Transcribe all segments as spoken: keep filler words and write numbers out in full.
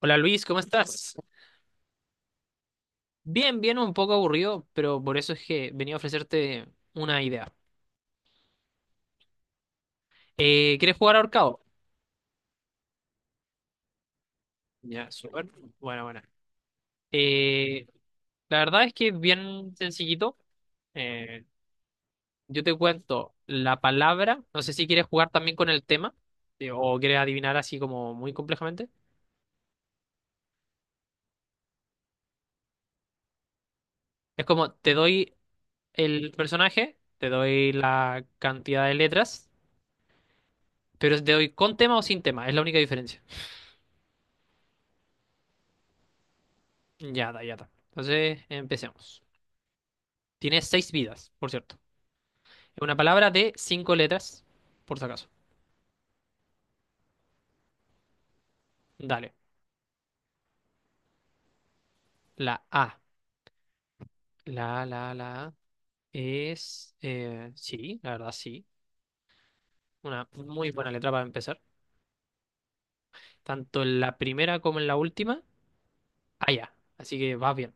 Hola Luis, ¿cómo estás? Bien, bien, un poco aburrido, pero por eso es que venía a ofrecerte una idea. Eh, ¿quieres jugar ahorcado? Ya, súper. Bueno, bueno. Eh, la verdad es que es bien sencillito. Eh, yo te cuento la palabra. No sé si quieres jugar también con el tema eh, o quieres adivinar así como muy complejamente. Es como te doy el personaje, te doy la cantidad de letras, pero te doy con tema o sin tema. Es la única diferencia. Ya está, ya está. Entonces, empecemos. Tiene seis vidas, por cierto. Es una palabra de cinco letras, por si acaso. Dale. La A. La, la, la A es... eh, sí, la verdad sí. Una muy buena letra para empezar. Tanto en la primera como en la última. Ah, ya. Así que vas bien.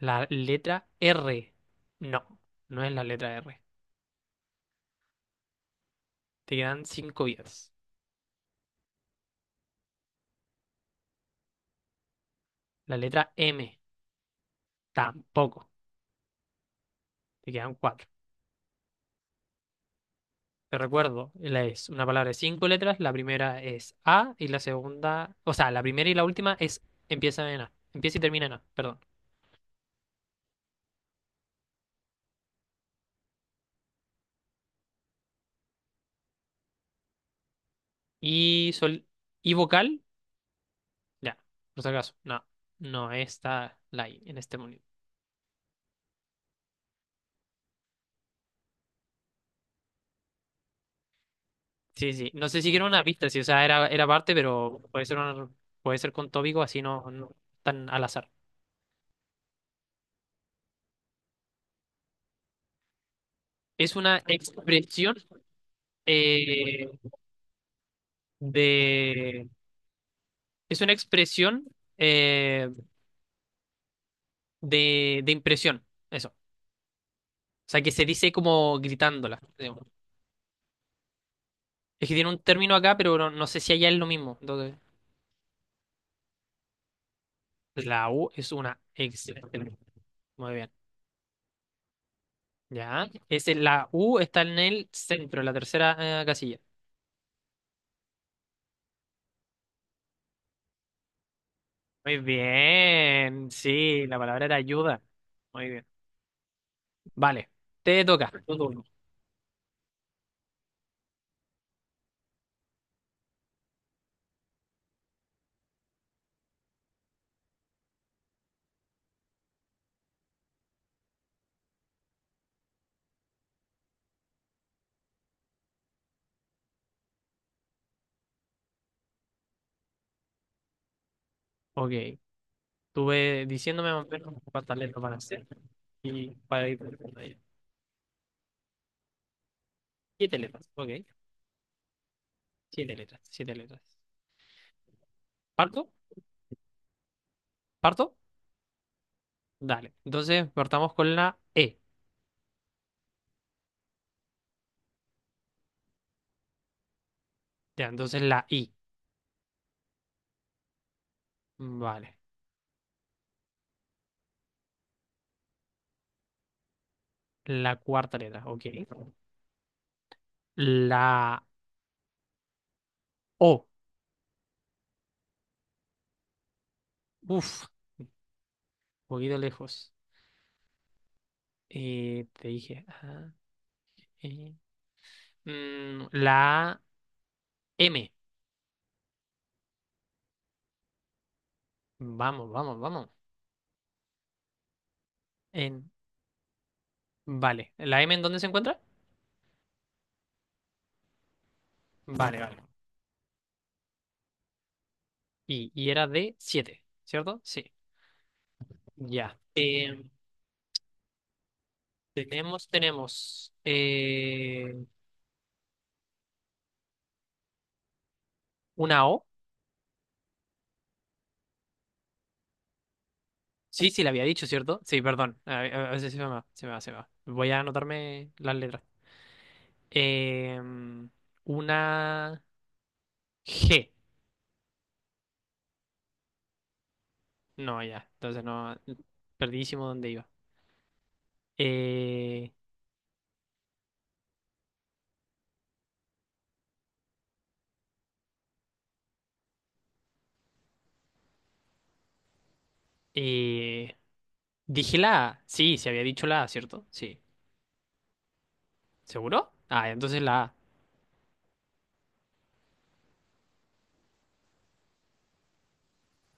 La letra R. No, no es la letra R. Te quedan cinco vidas. La letra M. Tampoco. Te quedan cuatro. Te recuerdo, la- es una palabra de cinco letras, la primera es A y la segunda, o sea, la primera y la última es empieza en A, empieza y termina en A, perdón. Y sol y vocal, ya, por si acaso, no, no está la I en este momento. Sí, sí, no sé si era una pista, sí, o sea, era, era parte, pero puede ser una- puede ser con tópico, así no, no tan al azar. Es una expresión eh, de, es una expresión eh, de, de impresión. Eso. O sea, que se dice como gritándola, digamos. Es que tiene un término acá, pero no, no sé si allá es lo mismo. Entonces, la U es una excelente. Muy bien. Ya. Es el- la U está en el centro, en la tercera eh, casilla. Muy bien. Sí, la palabra era ayuda. Muy bien. Vale. Te toca. Tu turno. Ok. Estuve diciéndome más o menos cuántas letras van a ser. Y para ir. Siete letras. Ok. Siete letras. Siete letras. ¿Parto? ¿Parto? Dale. Entonces partamos con la E. Ya, entonces la I. Vale. La cuarta letra. Ok. La O. Uf. Un poquito lejos. Eh, te dije. Ah, eh. Mm, la M. Vamos, vamos, vamos. En... Vale. ¿La M en dónde se encuentra? Vale, vale. Y, y era de siete, ¿cierto? Sí. Ya. Eh, tenemos, tenemos eh, una O. Sí, sí, le había dicho, ¿cierto? Sí, perdón. A, a- a veces se me va, se me va, se me va. Voy a anotarme las letras. Em, una G. No, ya. Entonces no. Perdidísimo dónde iba. Eh, eh, dije la A. Sí, se había dicho la A, ¿cierto? Sí. ¿Seguro? Ah, entonces la A.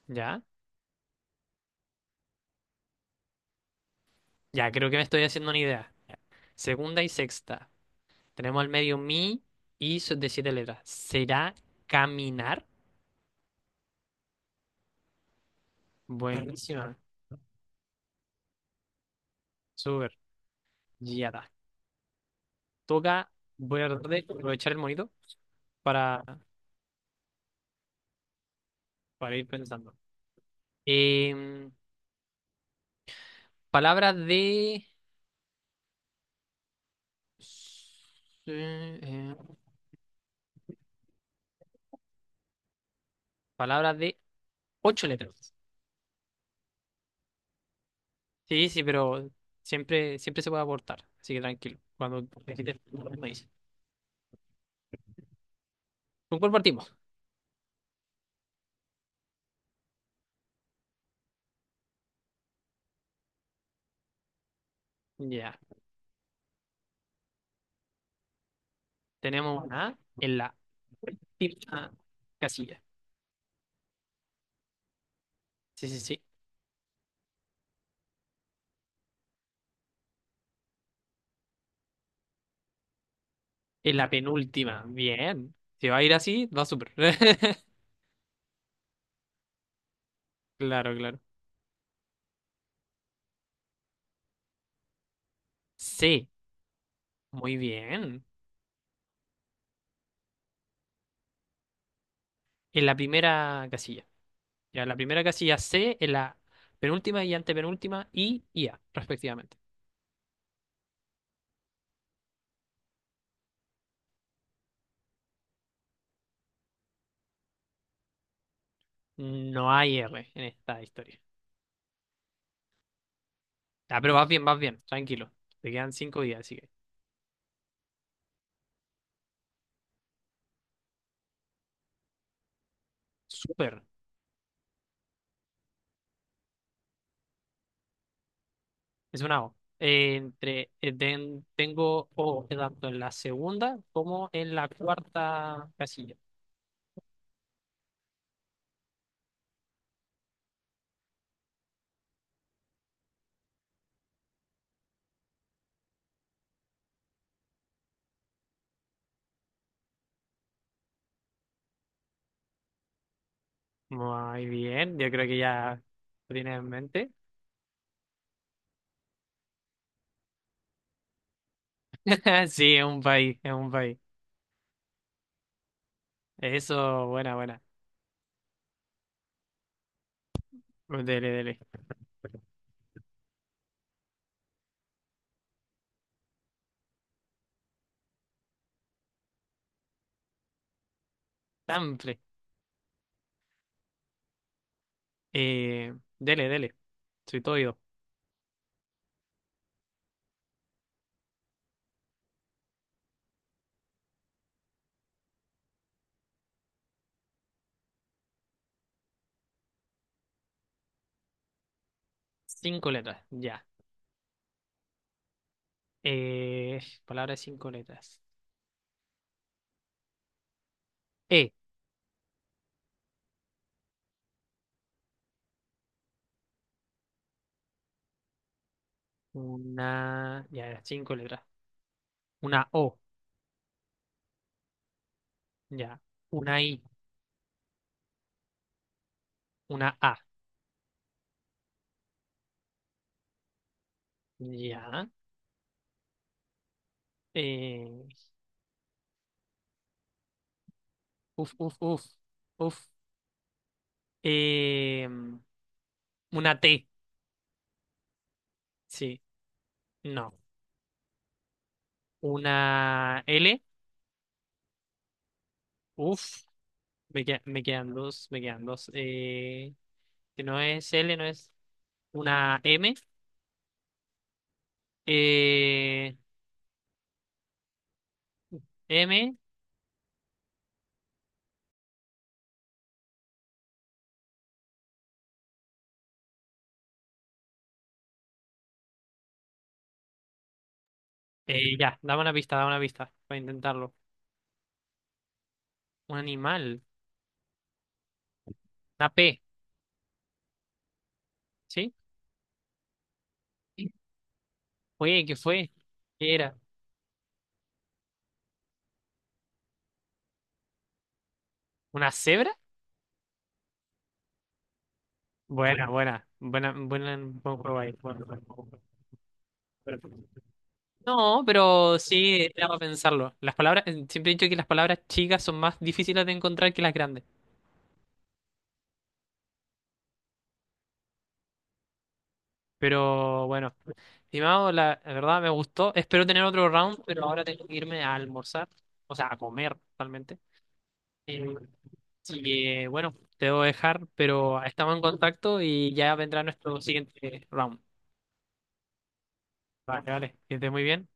¿Ya? Ya, creo que me estoy haciendo una idea. Ya. Segunda y sexta. Tenemos al medio mi y so- de siete letras. ¿Será caminar? Buenísima. Súper. Ya está. Toca, voy a tratar de aprovechar el monito para, para ir pensando. Em, palabras de... eh, eh, palabras de ocho letras. Sí, sí, pero siempre, siempre se puede aportar, así que tranquilo. Cuando necesites, me dices. ¿Con cuál partimos? Ya, tenemos una A en la última casilla. Sí, sí, sí. En la penúltima. Bien. Si va a ir así, va súper. Claro, claro. Sí, muy bien, en la primera casilla. Ya, la primera casilla C, en la penúltima y antepenúltima, I y A, respectivamente. No hay R en esta historia. Ah, pero vas bien, vas bien, tranquilo. Te quedan cinco días, así que. Súper. Es una O. Eh, entre, eh, ten- tengo O tanto en la segunda como en la cuarta casilla. Muy bien, yo creo que ya lo tienes en mente. Sí, es un país, es un país. Eso, buena, buena. Dele, dele. Tanfle. Eh, dele, dele. Soy todo oído. Cinco letras, ya. Eh, palabra de cinco letras. E. Una. Ya, era cinco letras. Una O. Ya. Una I. Una A. Ya. Eh, uf, uf, uf. Uf. Eh, una T. Sí. No. Una L. Uf. Me, queda- me quedan dos. Me quedan dos. Eh, que no es L, no es. Una M. Eh, M. Eh, ya, dame una pista, dame una pista para intentarlo. Un animal, una P, ¿sí? Sí. Oye, ¿qué fue? ¿Qué era? ¿Una cebra? Buena, buena, buena, buena, buen juego ahí, buen juego. No, pero sí, daba a pensarlo. Las palabras, eh, siempre he dicho que las palabras chicas son más difíciles de encontrar que las grandes. Pero bueno, estimado, la, la verdad me gustó. Espero tener otro round, pero ahora tengo que irme a almorzar, o sea, a comer totalmente. Así que bueno, te debo dejar, pero estamos en contacto y ya vendrá nuestro siguiente round. Vale, vale, que estés muy bien.